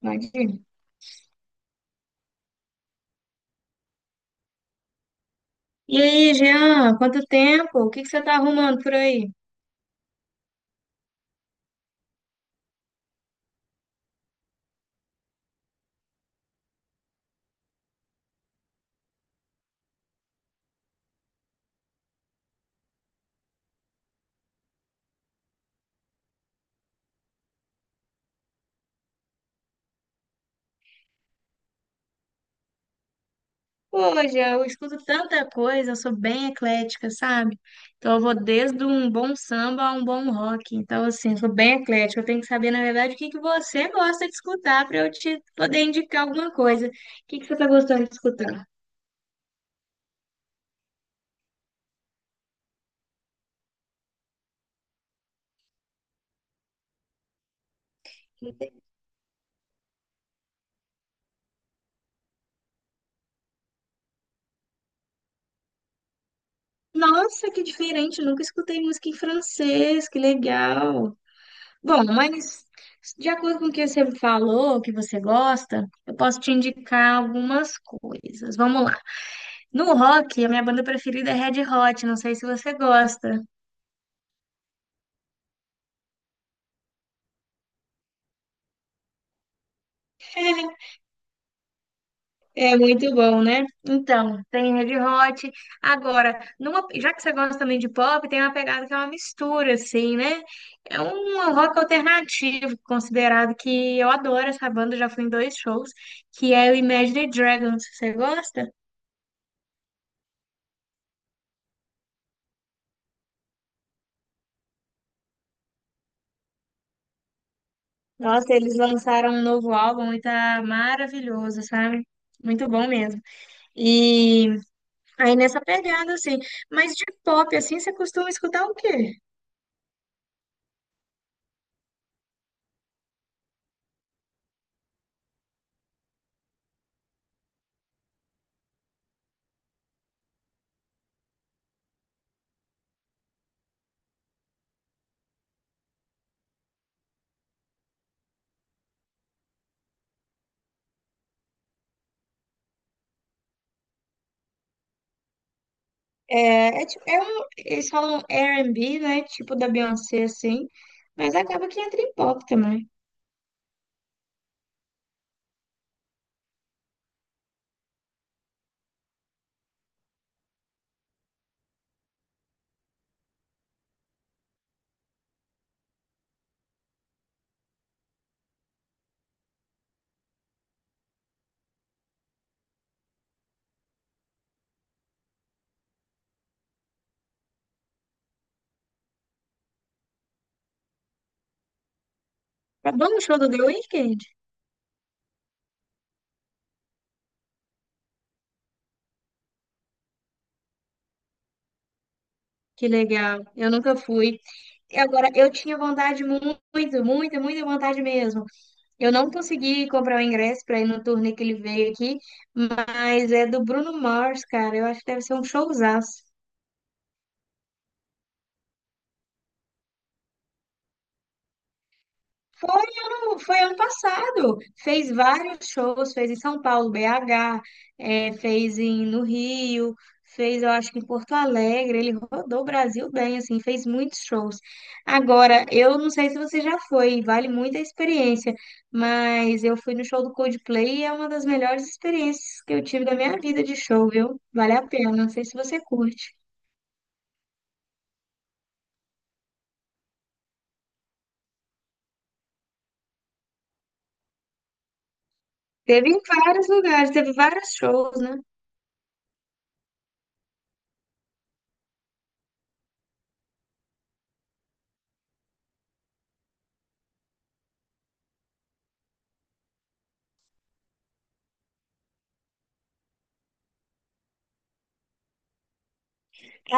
Imagina. E aí, Jean, quanto tempo? O que que você tá arrumando por aí? Pô, Jean, eu escuto tanta coisa, eu sou bem eclética, sabe? Então eu vou desde um bom samba a um bom rock. Então, assim, eu sou bem eclética. Eu tenho que saber, na verdade, o que que você gosta de escutar para eu te poder indicar alguma coisa. O que que você tá gostando de escutar? Nossa, que diferente! Nunca escutei música em francês, que legal! Bom, mas de acordo com o que você falou, que você gosta, eu posso te indicar algumas coisas. Vamos lá. No rock, a minha banda preferida é Red Hot, não sei se você gosta. É muito bom, né? Então, tem Red Hot. Agora, já que você gosta também de pop, tem uma pegada que é uma mistura, assim, né? É um rock alternativo, considerado que eu adoro essa banda, já fui em dois shows, que é o Imagine Dragons. Você gosta? Nossa, eles lançaram um novo álbum e tá maravilhoso, sabe? Muito bom mesmo. E aí nessa pegada, assim, mas de pop, assim, você costuma escutar o quê? É, é, eles falam R&B, né? Tipo da Beyoncé, assim, mas acaba que entra em pop também. Vamos no show do The Weeknd? Que legal, eu nunca fui. E agora, eu tinha vontade, muito, muito, muita vontade mesmo. Eu não consegui comprar o ingresso para ir no turnê que ele veio aqui, mas é do Bruno Mars, cara. Eu acho que deve ser um showzaço. Foi ano passado. Fez vários shows, fez em São Paulo, BH, fez em, no Rio, fez, eu acho que em Porto Alegre. Ele rodou o Brasil bem, assim, fez muitos shows. Agora, eu não sei se você já foi, vale muito a experiência, mas eu fui no show do Coldplay e é uma das melhores experiências que eu tive da minha vida de show, viu? Vale a pena, não sei se você curte. Teve em vários lugares, teve vários shows, né?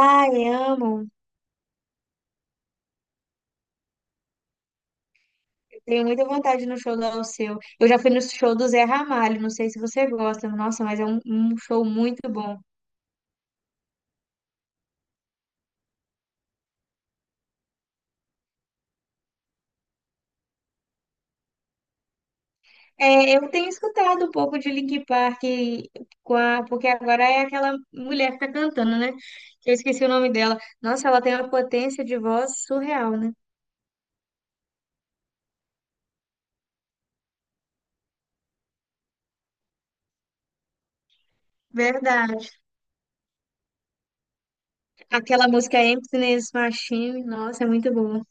Ai, amo. Tenho muita vontade no show do Alceu. Eu já fui no show do Zé Ramalho, não sei se você gosta, nossa, mas é um show muito bom. É, eu tenho escutado um pouco de Linkin Park, porque agora é aquela mulher que tá cantando, né? Eu esqueci o nome dela. Nossa, ela tem uma potência de voz surreal, né? Verdade. Aquela música Emptiness Machine, nossa, é muito boa.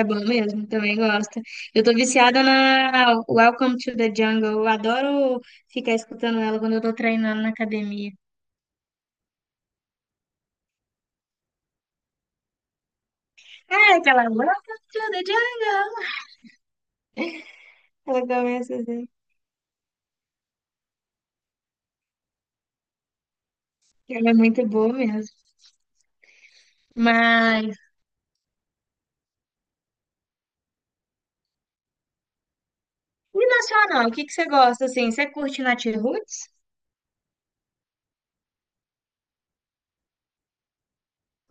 É bom mesmo, também gosto. Eu tô viciada na Welcome to the Jungle. Eu adoro ficar escutando ela quando eu tô treinando na academia. Ah, aquela Welcome to the Jungle. Ela começa assim. Ela é muito boa mesmo. Mas, e nacional, o que que você gosta, assim? Você curte Nath Roots?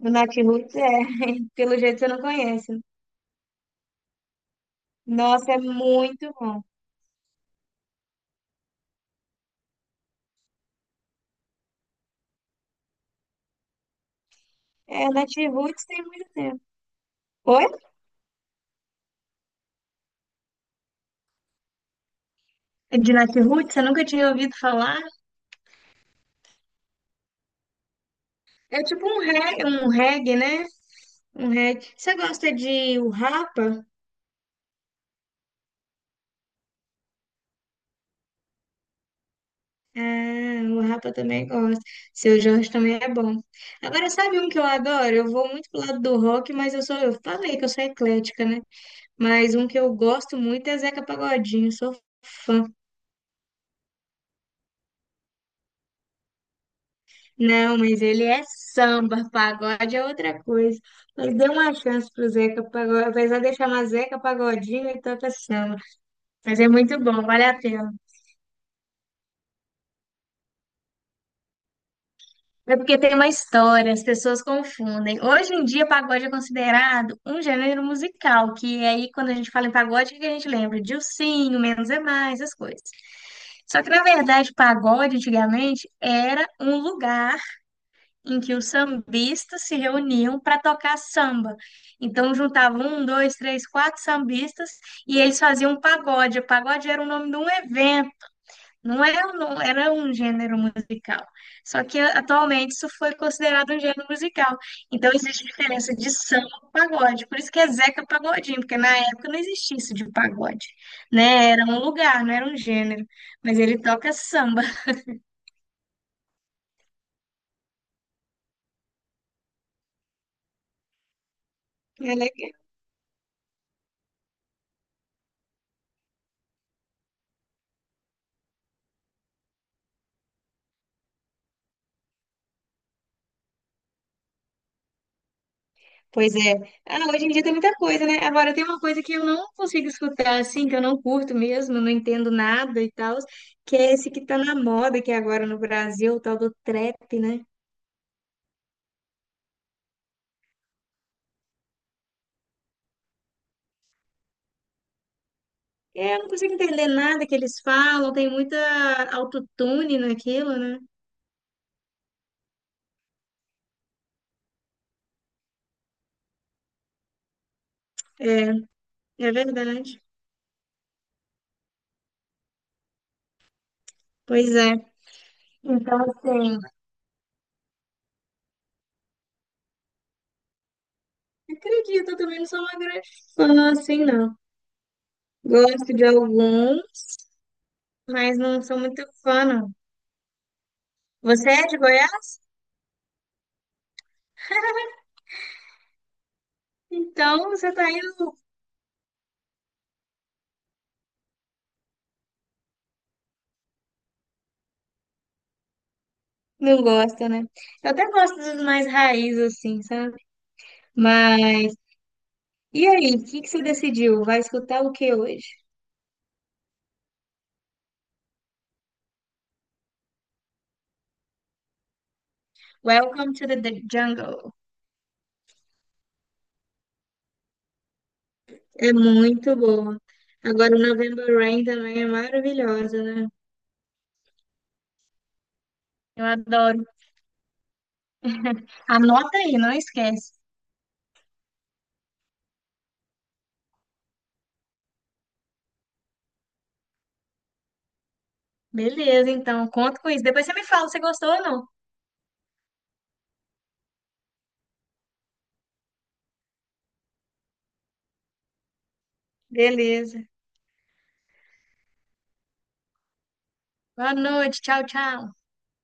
O Nath Roots é, pelo jeito você não conhece. Nossa, é muito bom. É, Nath Roots tem muito tempo. Oi? De Nath Roots, você nunca tinha ouvido falar? É tipo um reggae, né? Um reggae. Você gosta de o Rapa? Ah, o Rapa também gosta. Seu Jorge também é bom. Agora, sabe um que eu adoro? Eu vou muito pro lado do rock, mas eu sou, eu falei que eu sou eclética, né? Mas um que eu gosto muito é Zeca Pagodinho, sou fã. Não, mas ele é samba, pagode é outra coisa. Mas dê uma chance pro Zeca Pagodinho, apesar de chamar Zeca Pagodinho, ele toca samba. Mas é muito bom, vale a pena. É porque tem uma história, as pessoas confundem. Hoje em dia, pagode é considerado um gênero musical, que é aí, quando a gente fala em pagode, o que a gente lembra? De ursinho, menos é mais, essas coisas. Só que, na verdade, pagode, antigamente, era um lugar em que os sambistas se reuniam para tocar samba. Então, juntavam um, dois, três, quatro sambistas e eles faziam um pagode. O pagode era o nome de um evento, não era, não era um gênero musical. Só que atualmente isso foi considerado um gênero musical. Então existe diferença de samba e pagode. Por isso que é Zeca Pagodinho, porque na época não existia isso de pagode, né? Era um lugar, não era um gênero. Mas ele toca samba. É legal. Pois é. Ah, hoje em dia tem muita coisa, né? Agora tem uma coisa que eu não consigo escutar assim, que eu não curto mesmo, não entendo nada e tal, que é esse que tá na moda aqui agora no Brasil, o tal do trap, né? É, eu não consigo entender nada que eles falam, tem muita autotune naquilo, né? É, é verdade. Pois é. Então, assim, acredito, eu também não sou uma grande fã, assim, não. Gosto de alguns, mas não sou muito fã, não. Você é de Goiás? Então você tá indo. Não gosta, né? Eu até gosto dos mais raiz, assim, sabe? Mas. E aí, o que que você decidiu? Vai escutar o que hoje? Welcome to the jungle. É muito boa. Agora, o November Rain também é maravilhosa, né? Eu adoro. Anota aí, não esquece. Beleza, então, conto com isso. Depois você me fala se gostou ou não. Beleza. Boa noite. Tchau, tchau.